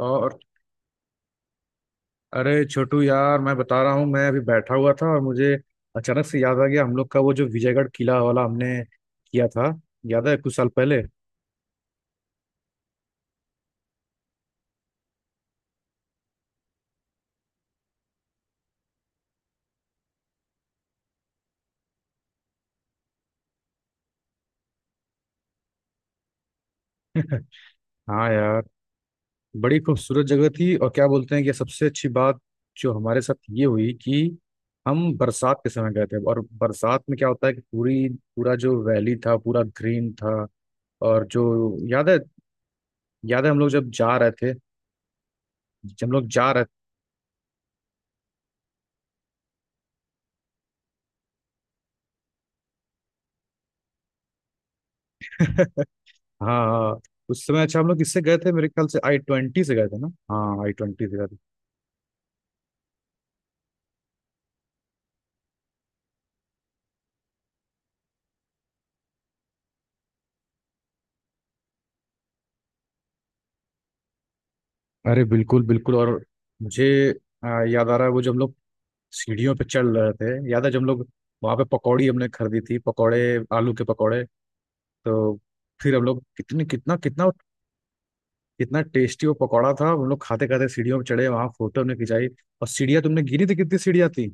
और अरे छोटू यार मैं बता रहा हूँ। मैं अभी बैठा हुआ था और मुझे अचानक से याद आ गया हम लोग का वो जो विजयगढ़ किला वाला हमने किया था। याद है कुछ साल पहले? हाँ यार, बड़ी खूबसूरत जगह थी। और क्या बोलते हैं कि सबसे अच्छी बात जो हमारे साथ ये हुई कि हम बरसात के समय गए थे। और बरसात में क्या होता है कि पूरी पूरा जो वैली था पूरा ग्रीन था। और जो, याद है? याद है हम लोग जब जा रहे थे, हम लोग जा रहे थे हाँ हाँ, उस समय। अच्छा, हम लोग किससे गए थे? मेरे ख्याल से आई ट्वेंटी से गए थे ना। हाँ, आई ट्वेंटी से गए थे। अरे बिल्कुल बिल्कुल। और मुझे याद आ रहा है वो जब हम लोग सीढ़ियों पे चढ़ रहे थे। याद है जब हम लोग वहाँ पे पकौड़ी हमने खरीदी थी, पकौड़े, आलू के पकौड़े। तो फिर हम लोग कितने कितना कितना कितना टेस्टी वो पकौड़ा था। हम लोग खाते खाते सीढ़ियों पे चढ़े, वहाँ फोटो हमने खिंचाई। और सीढ़ियाँ तुमने गिनी थी, कितनी सीढ़ियाँ थी?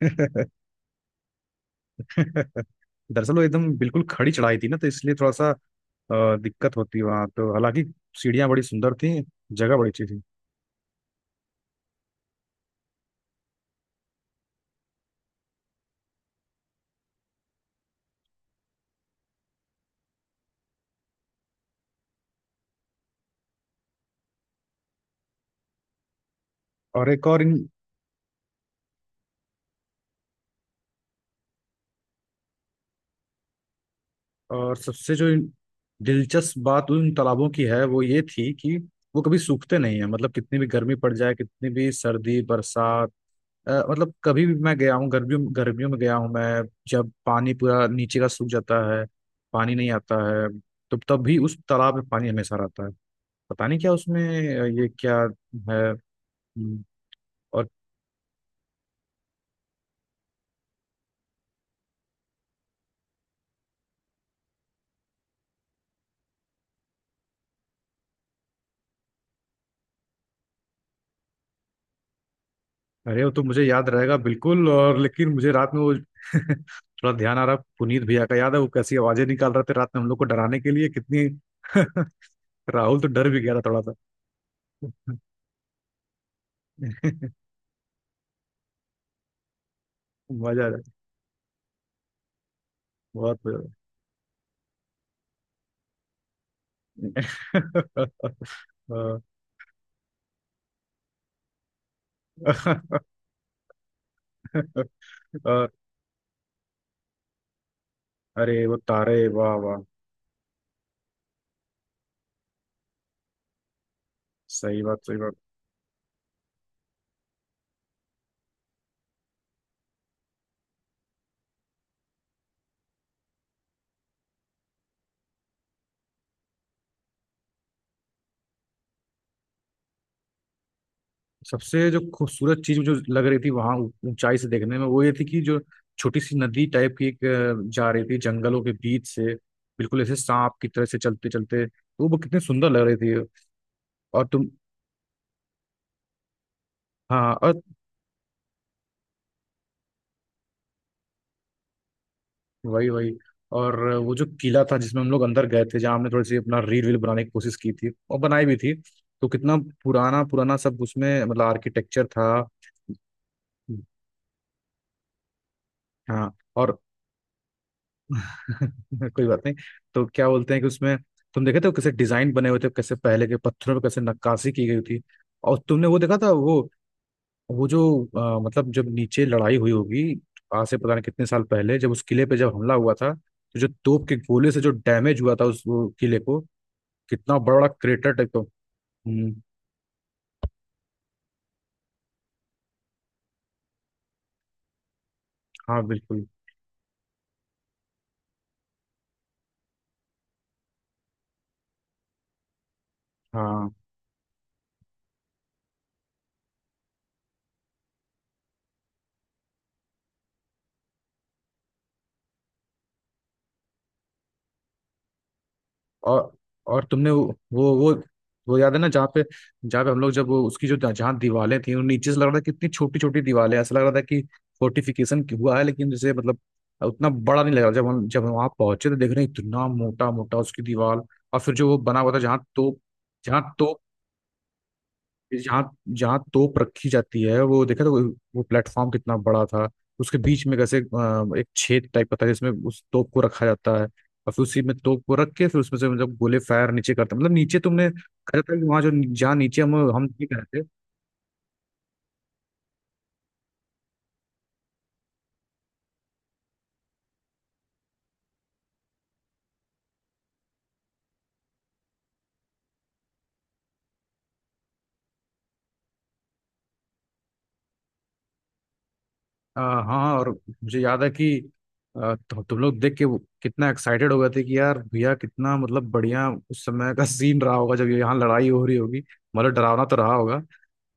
दरअसल वो एकदम बिल्कुल खड़ी चढ़ाई थी ना, तो इसलिए थोड़ा सा दिक्कत होती वहाँ। तो हालांकि सीढ़ियाँ बड़ी सुंदर थी, जगह बड़ी अच्छी थी। और एक और इन और सबसे जो दिलचस्प बात उन तालाबों की है वो ये थी कि वो कभी सूखते नहीं है। मतलब कितनी भी गर्मी पड़ जाए, कितनी भी सर्दी, बरसात, मतलब कभी भी मैं गया हूँ, गर्मियों गर्मियों में गया हूँ मैं, जब पानी पूरा नीचे का सूख जाता है, पानी नहीं आता है, तो तब भी उस तालाब में पानी हमेशा रहता है। पता नहीं क्या उसमें ये क्या है। हम्म, और अरे वो तो मुझे याद रहेगा बिल्कुल। और लेकिन मुझे रात में वो थोड़ा ध्यान आ रहा पुनीत भैया का। याद है वो कैसी आवाजें निकाल रहे थे रात में हम लोग को डराने के लिए, कितनी? राहुल तो डर भी गया था थोड़ा सा। मजा आ रहा है, बहुत मजा आ रहा। और अरे वो तारे, वाह वाह! सही बात, सही बात। सबसे जो खूबसूरत चीज मुझे लग रही थी वहां ऊंचाई से देखने में वो ये थी कि जो छोटी सी नदी टाइप की एक जा रही थी जंगलों के बीच से, बिल्कुल ऐसे सांप की तरह से चलते चलते, तो वो कितनी सुंदर लग रही थी। और तुम हाँ और, वही वही। और वो जो किला था जिसमें हम लोग अंदर गए थे, जहाँ हमने थोड़ी सी अपना रील वील बनाने की कोशिश की थी और बनाई भी थी, तो कितना पुराना पुराना सब उसमें मतलब आर्किटेक्चर था। हाँ और कोई बात नहीं। तो क्या बोलते हैं कि उसमें तुम देखे थे वो कैसे डिजाइन बने हुए थे, कैसे पहले के पत्थरों पे कैसे नक्काशी की गई थी। और तुमने वो देखा था? वो जो मतलब जब नीचे लड़ाई हुई होगी आज से पता नहीं कितने साल पहले, जब उस किले पे जब हमला हुआ था, तो जो तोप के गोले से जो डैमेज हुआ था उस, वो किले को, कितना बड़ा बड़ा क्रेटर टाइप का। हम्म, हाँ बिल्कुल। हाँ और और तुमने वो वो वो वो याद है ना जहाँ पे, हम लोग जब वो उसकी जो जहाँ दीवारें थी उन नीचे से लग रहा था कितनी छोटी छोटी दीवारें हैं। ऐसा लग रहा था कि फोर्टिफिकेशन हुआ है, लेकिन जैसे मतलब उतना बड़ा नहीं लग रहा। जब हम वहाँ पहुंचे तो देख रहे हैं इतना मोटा मोटा उसकी दीवार। और फिर जो वो बना हुआ था जहाँ तो, जहाँ तोप जहाँ जहाँ तोप रखी जाती है वो देखा तो, वो प्लेटफॉर्म कितना बड़ा था। उसके बीच में कैसे एक छेद टाइप का था जिसमें उस तोप को रखा जाता है, और फिर उसी में तोप को रख के फिर उसमें से मतलब गोले फायर नीचे करते हैं। मतलब नीचे तुमने कहा था कि वहाँ जो जहाँ नीचे हम नहीं। हाँ, और मुझे याद है कि तुम लोग देख के वो कितना एक्साइटेड हो गए थे कि यार भैया कितना मतलब बढ़िया उस समय का सीन रहा होगा जब यहाँ लड़ाई हो रही होगी। मतलब डरावना तो रहा होगा।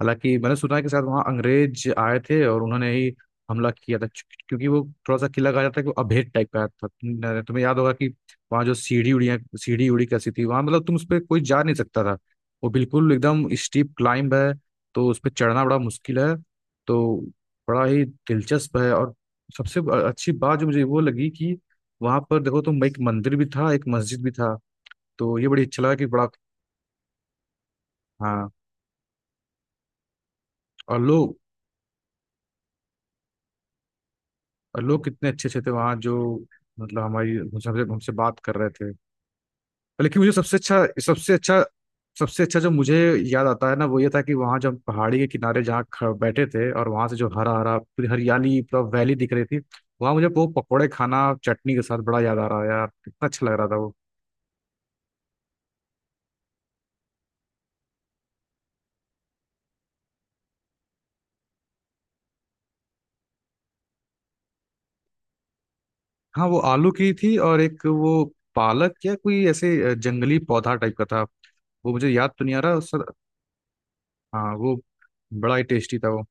हालांकि मैंने सुना है कि शायद वहाँ अंग्रेज आए थे और उन्होंने ही हमला किया था, क्योंकि वो थोड़ा सा किला, कहा जाता है कि वो अभेद टाइप का था। तुम्हें याद होगा कि वहाँ जो सीढ़ी उड़ी कैसी थी वहाँ, मतलब तुम उस पर कोई जा नहीं सकता था। वो बिल्कुल एकदम स्टीप क्लाइंब है, तो उस पर चढ़ना बड़ा मुश्किल है। तो बड़ा ही दिलचस्प है। और सबसे अच्छी बात जो मुझे वो लगी कि वहां पर देखो तुम, एक मंदिर भी था एक मस्जिद भी था। तो ये बड़ी अच्छा लगा कि बड़ा, हाँ। और लोग और लोग कितने अच्छे अच्छे थे वहाँ जो, मतलब हमारी हमसे हमसे बात कर रहे थे। लेकिन मुझे सबसे अच्छा जो मुझे याद आता है ना वो ये था कि वहाँ जब पहाड़ी के किनारे जहाँ बैठे थे और वहां से जो हरा हरा पूरी हरियाली पूरा वैली दिख रही थी, वहां मुझे वो पकौड़े खाना चटनी के साथ बड़ा याद आ रहा है यार, कितना अच्छा लग रहा था वो। हाँ वो आलू की थी, और एक वो पालक या कोई ऐसे जंगली पौधा टाइप का था। वो मुझे याद तो नहीं आ रहा सर। हाँ वो बड़ा ही टेस्टी था वो।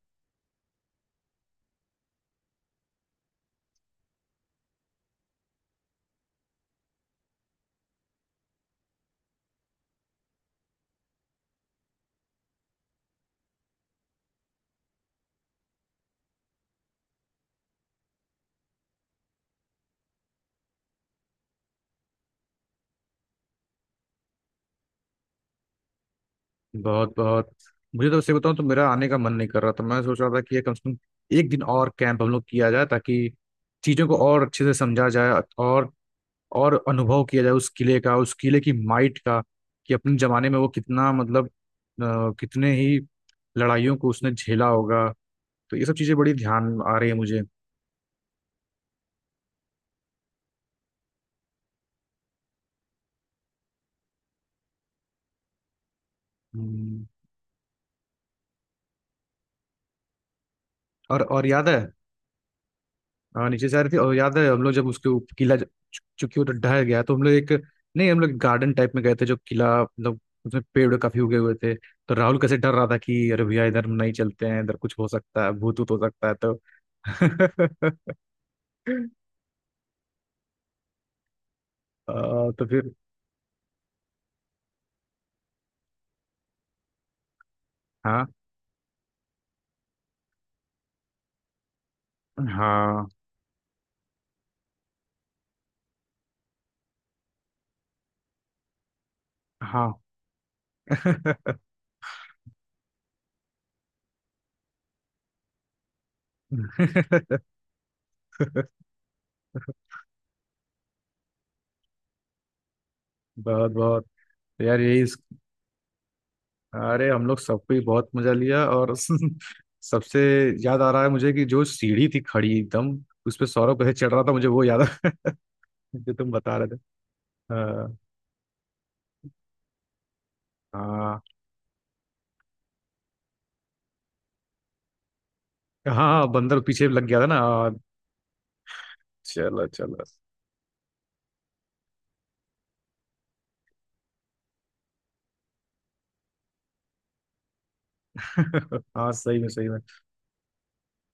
बहुत बहुत। मुझे तो सही बताऊँ तो मेरा आने का मन नहीं कर रहा था। मैं सोच रहा था कि ये कम से कम एक दिन और कैंप हम लोग किया जाए, ताकि चीज़ों को और अच्छे से समझा जाए और और अनुभव किया जाए उस किले का, उस किले की माइट का, कि अपने ज़माने में वो कितना मतलब कितने ही लड़ाइयों को उसने झेला होगा। तो ये सब चीज़ें बड़ी ध्यान आ रही है मुझे। हम्म, और याद है? हाँ नीचे से आ रही थी। और याद है हम लोग जब उसके चूंकि वो ढह गया तो हम लोग एक नहीं हम लोग गार्डन टाइप में गए थे जो किला मतलब, उसमें पेड़ काफी उगे हुए थे, तो राहुल कैसे डर रहा था कि अरे भैया इधर हम नहीं चलते हैं, इधर कुछ हो सकता है, भूत भूत हो सकता है तो। तो फिर हाँ हाँ हाँ। बहुत बहुत। तो यार यही। अरे हम लोग सबको ही बहुत मजा लिया। और सबसे याद आ रहा है मुझे कि जो सीढ़ी थी खड़ी एकदम, उस पे सौरभ कैसे चढ़ रहा था, मुझे वो याद आ जो तुम बता रहे थे। हाँ हाँ हाँ। हाँ, बंदर पीछे लग गया था ना। हाँ, चलो चलो। हाँ सही में, सही में।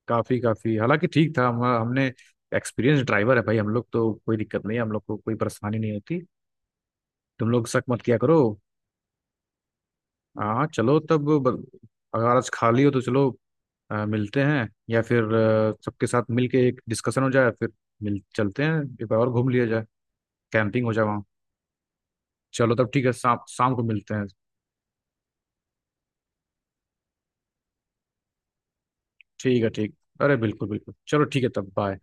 काफी काफी। हालांकि ठीक था, हम हमने एक्सपीरियंस ड्राइवर है भाई, हम लोग तो कोई दिक्कत नहीं है, हम लोग को कोई परेशानी नहीं होती। तुम लोग शक मत किया करो। हाँ चलो तब अगर आज खाली हो तो चलो मिलते हैं, या फिर सबके साथ मिलके एक डिस्कशन हो जाए, फिर मिल चलते हैं, एक बार और घूम लिया जाए, कैंपिंग हो जाए वहाँ। चलो तब ठीक है, शाम शाम को मिलते हैं। ठीक है, ठीक। अरे बिल्कुल बिल्कुल, चलो ठीक है तब, बाय।